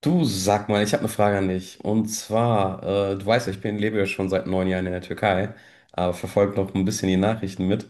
Du sag mal, ich habe eine Frage an dich. Und zwar, du weißt ja, lebe ja schon seit 9 Jahren in der Türkei, aber verfolge noch ein bisschen die Nachrichten mit.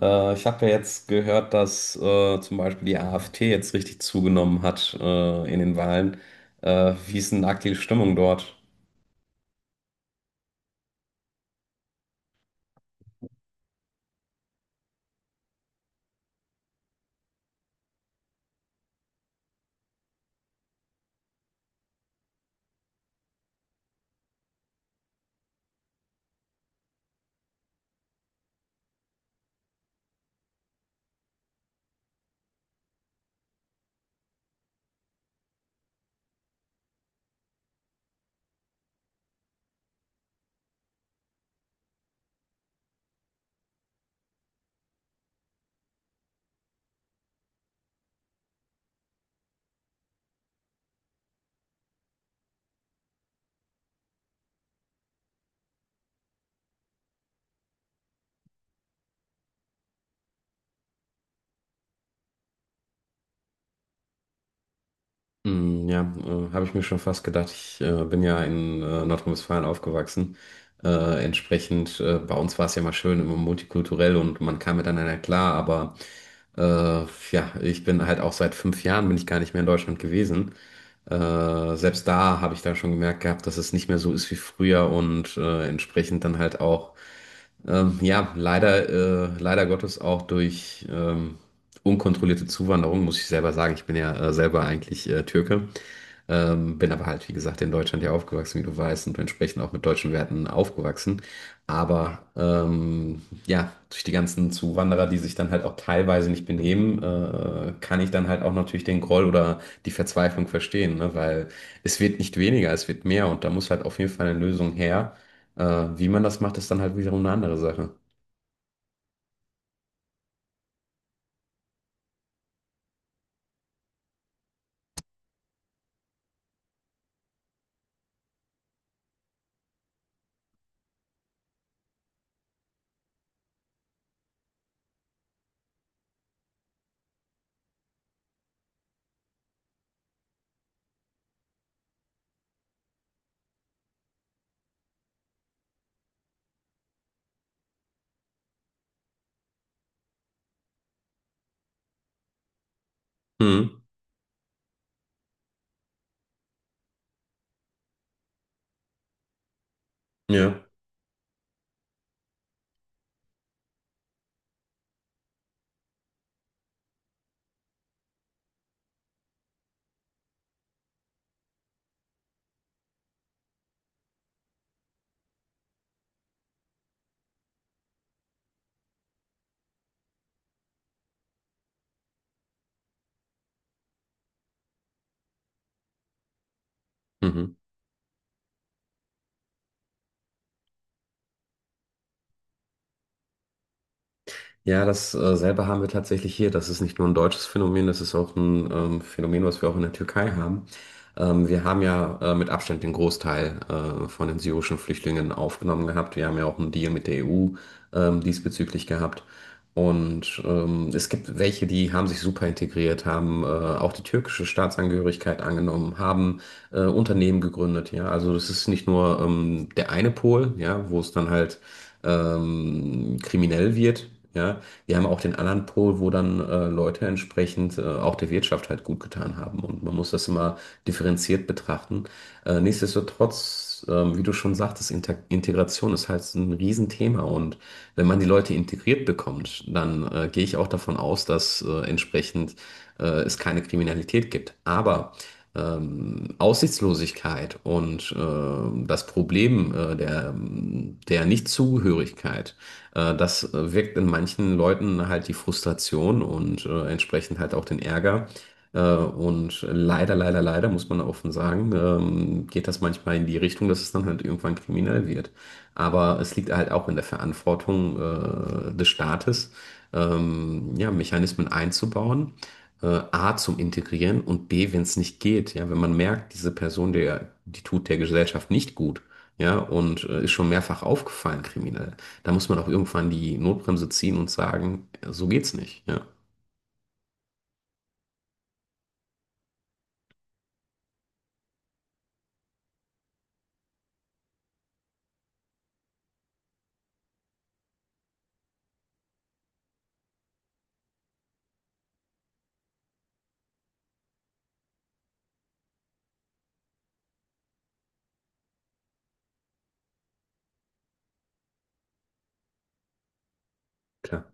Ich habe ja jetzt gehört, dass zum Beispiel die AfD jetzt richtig zugenommen hat in den Wahlen. Wie ist denn aktuell die Stimmung dort? Mm, ja, habe ich mir schon fast gedacht. Ich bin ja in Nordrhein-Westfalen aufgewachsen. Entsprechend, bei uns war es ja mal schön, immer multikulturell und man kam miteinander klar. Aber äh, ja, ich bin halt auch seit 5 Jahren bin ich gar nicht mehr in Deutschland gewesen. Selbst da habe ich dann schon gemerkt gehabt, dass es nicht mehr so ist wie früher und entsprechend dann halt auch ja, leider, leider Gottes auch durch unkontrollierte Zuwanderung, muss ich selber sagen. Ich bin ja selber eigentlich Türke, bin aber halt, wie gesagt, in Deutschland ja aufgewachsen, wie du weißt, und entsprechend auch mit deutschen Werten aufgewachsen. Aber ja, durch die ganzen Zuwanderer, die sich dann halt auch teilweise nicht benehmen, kann ich dann halt auch natürlich den Groll oder die Verzweiflung verstehen, ne? Weil es wird nicht weniger, es wird mehr und da muss halt auf jeden Fall eine Lösung her. Wie man das macht, ist dann halt wiederum eine andere Sache. Hm, ja. Mhm. Ja, das selber haben wir tatsächlich hier. Das ist nicht nur ein deutsches Phänomen, das ist auch ein Phänomen, was wir auch in der Türkei haben. Wir haben ja mit Abstand den Großteil von den syrischen Flüchtlingen aufgenommen gehabt. Wir haben ja auch einen Deal mit der EU diesbezüglich gehabt. Und es gibt welche, die haben sich super integriert, haben auch die türkische Staatsangehörigkeit angenommen, haben Unternehmen gegründet. Ja, also das ist nicht nur der eine Pol, ja, wo es dann halt kriminell wird. Ja, wir haben auch den anderen Pol, wo dann Leute entsprechend auch der Wirtschaft halt gut getan haben. Und man muss das immer differenziert betrachten. Nichtsdestotrotz, wie du schon sagtest, Inter Integration ist halt ein Riesenthema. Und wenn man die Leute integriert bekommt, dann gehe ich auch davon aus, dass entsprechend es keine Kriminalität gibt. Aber Aussichtslosigkeit und das Problem der Nichtzugehörigkeit, das wirkt in manchen Leuten halt die Frustration und entsprechend halt auch den Ärger. Und leider, leider, leider, muss man offen sagen, geht das manchmal in die Richtung, dass es dann halt irgendwann kriminell wird. Aber es liegt halt auch in der Verantwortung des Staates, ja, Mechanismen einzubauen A zum Integrieren und B, wenn es nicht geht, ja, wenn man merkt, diese Person, die tut der Gesellschaft nicht gut, ja, und ist schon mehrfach aufgefallen, kriminell, da muss man auch irgendwann die Notbremse ziehen und sagen, so geht's nicht, ja, klar.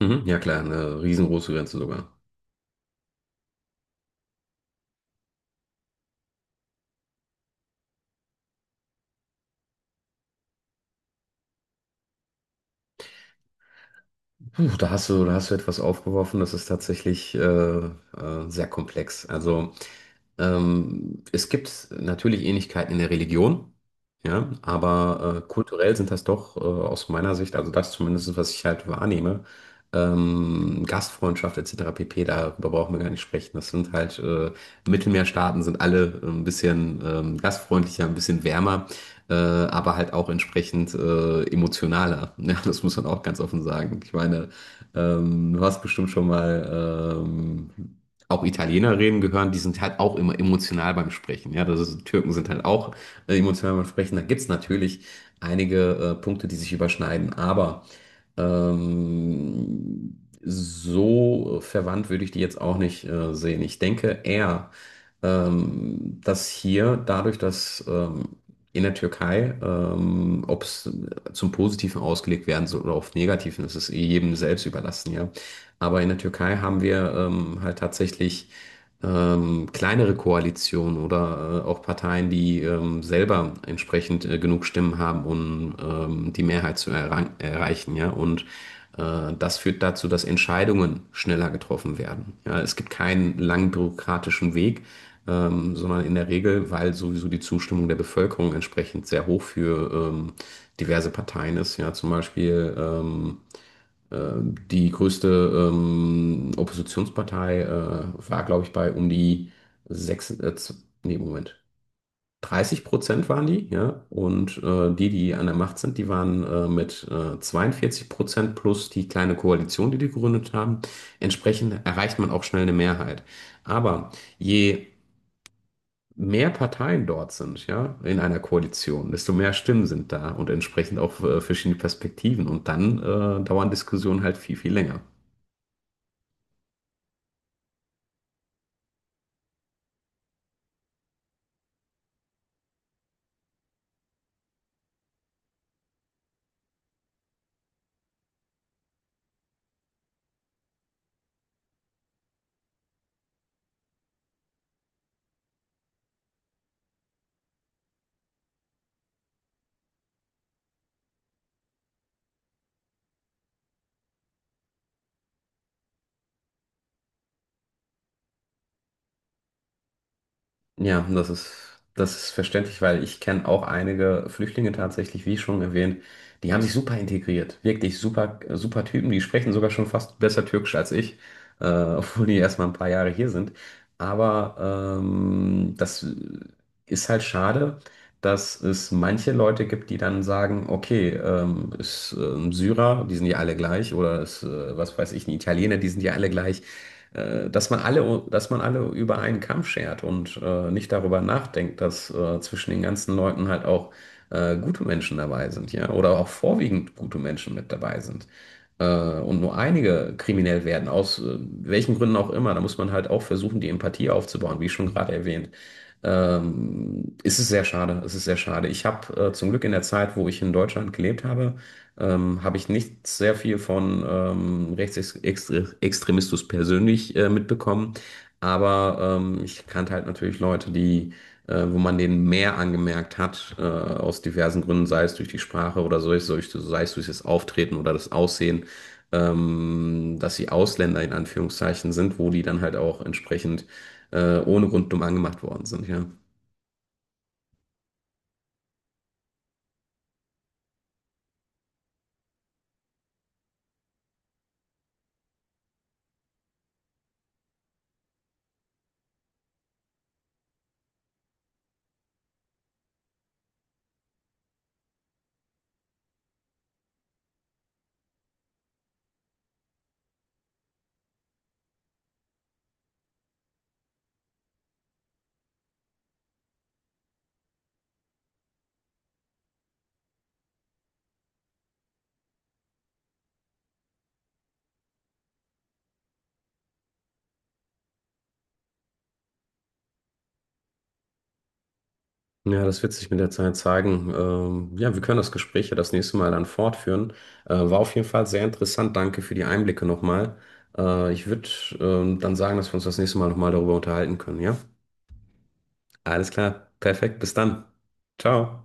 Mhm, ja, klar, eine riesengroße Grenze sogar. Puh, da hast du etwas aufgeworfen, das ist tatsächlich sehr komplex. Also es gibt natürlich Ähnlichkeiten in der Religion, ja, aber kulturell sind das doch aus meiner Sicht, also das zumindest, was ich halt wahrnehme, Gastfreundschaft etc. pp., darüber brauchen wir gar nicht sprechen. Das sind halt Mittelmeerstaaten, sind alle ein bisschen gastfreundlicher, ein bisschen wärmer, aber halt auch entsprechend emotionaler. Ja, das muss man auch ganz offen sagen. Ich meine, du hast bestimmt schon mal auch Italiener reden gehören, die sind halt auch immer emotional beim Sprechen. Ja, Türken sind halt auch emotional beim Sprechen. Da gibt es natürlich einige Punkte, die sich überschneiden, aber so verwandt würde ich die jetzt auch nicht sehen. Ich denke eher, dass hier dadurch, dass in der Türkei, ob es zum Positiven ausgelegt werden soll oder auf Negativen, das ist eh jedem selbst überlassen, ja. Aber in der Türkei haben wir halt tatsächlich kleinere Koalitionen oder auch Parteien, die selber entsprechend genug Stimmen haben, um die Mehrheit zu erreichen, ja. Und das führt dazu, dass Entscheidungen schneller getroffen werden. Ja, es gibt keinen langen bürokratischen Weg, sondern in der Regel, weil sowieso die Zustimmung der Bevölkerung entsprechend sehr hoch für diverse Parteien ist. Ja, zum Beispiel die größte Oppositionspartei war, glaube ich, bei um die 6. Nee, Moment, 30% waren die, ja. Und die, die an der Macht sind, die waren mit 42% plus die kleine Koalition, die die gegründet haben. Entsprechend erreicht man auch schnell eine Mehrheit. Aber je mehr Parteien dort sind, ja, in einer Koalition, desto mehr Stimmen sind da und entsprechend auch verschiedene Perspektiven. Und dann dauern Diskussionen halt viel, viel länger. Ja, das ist verständlich, weil ich kenne auch einige Flüchtlinge tatsächlich, wie schon erwähnt, die haben sich super integriert. Wirklich super, super Typen, die sprechen sogar schon fast besser Türkisch als ich, äh, obwohl die erst mal ein paar Jahre hier sind. Aber das ist halt schade, dass es manche Leute gibt, die dann sagen, okay, ist ein Syrer, die sind ja alle gleich, oder ist, was weiß ich, ein Italiener, die sind ja alle gleich dass man alle über einen Kamm schert und nicht darüber nachdenkt, dass zwischen den ganzen Leuten halt auch gute Menschen dabei sind, ja, oder auch vorwiegend gute Menschen mit dabei sind. Äh, und nur einige kriminell werden, aus welchen Gründen auch immer. Da muss man halt auch versuchen, die Empathie aufzubauen, wie schon gerade erwähnt. Ist Es ist sehr schade, es ist sehr schade. Ich habe zum Glück in der Zeit, wo ich in Deutschland gelebt habe, habe ich nicht sehr viel von Rechtsextremismus persönlich mitbekommen, aber ich kannte halt natürlich Leute, die, wo man denen mehr angemerkt hat, aus diversen Gründen, sei es durch die Sprache oder so, sei es durch das Auftreten oder das Aussehen, dass sie Ausländer in Anführungszeichen sind, wo die dann halt auch entsprechend ohne Grund dumm angemacht worden sind, ja. Ja, das wird sich mit der Zeit zeigen. Ja, wir können das Gespräch ja das nächste Mal dann fortführen. War auf jeden Fall sehr interessant. Danke für die Einblicke nochmal. Ich würde dann sagen, dass wir uns das nächste Mal nochmal darüber unterhalten können. Ja, alles klar. Perfekt. Bis dann. Ciao.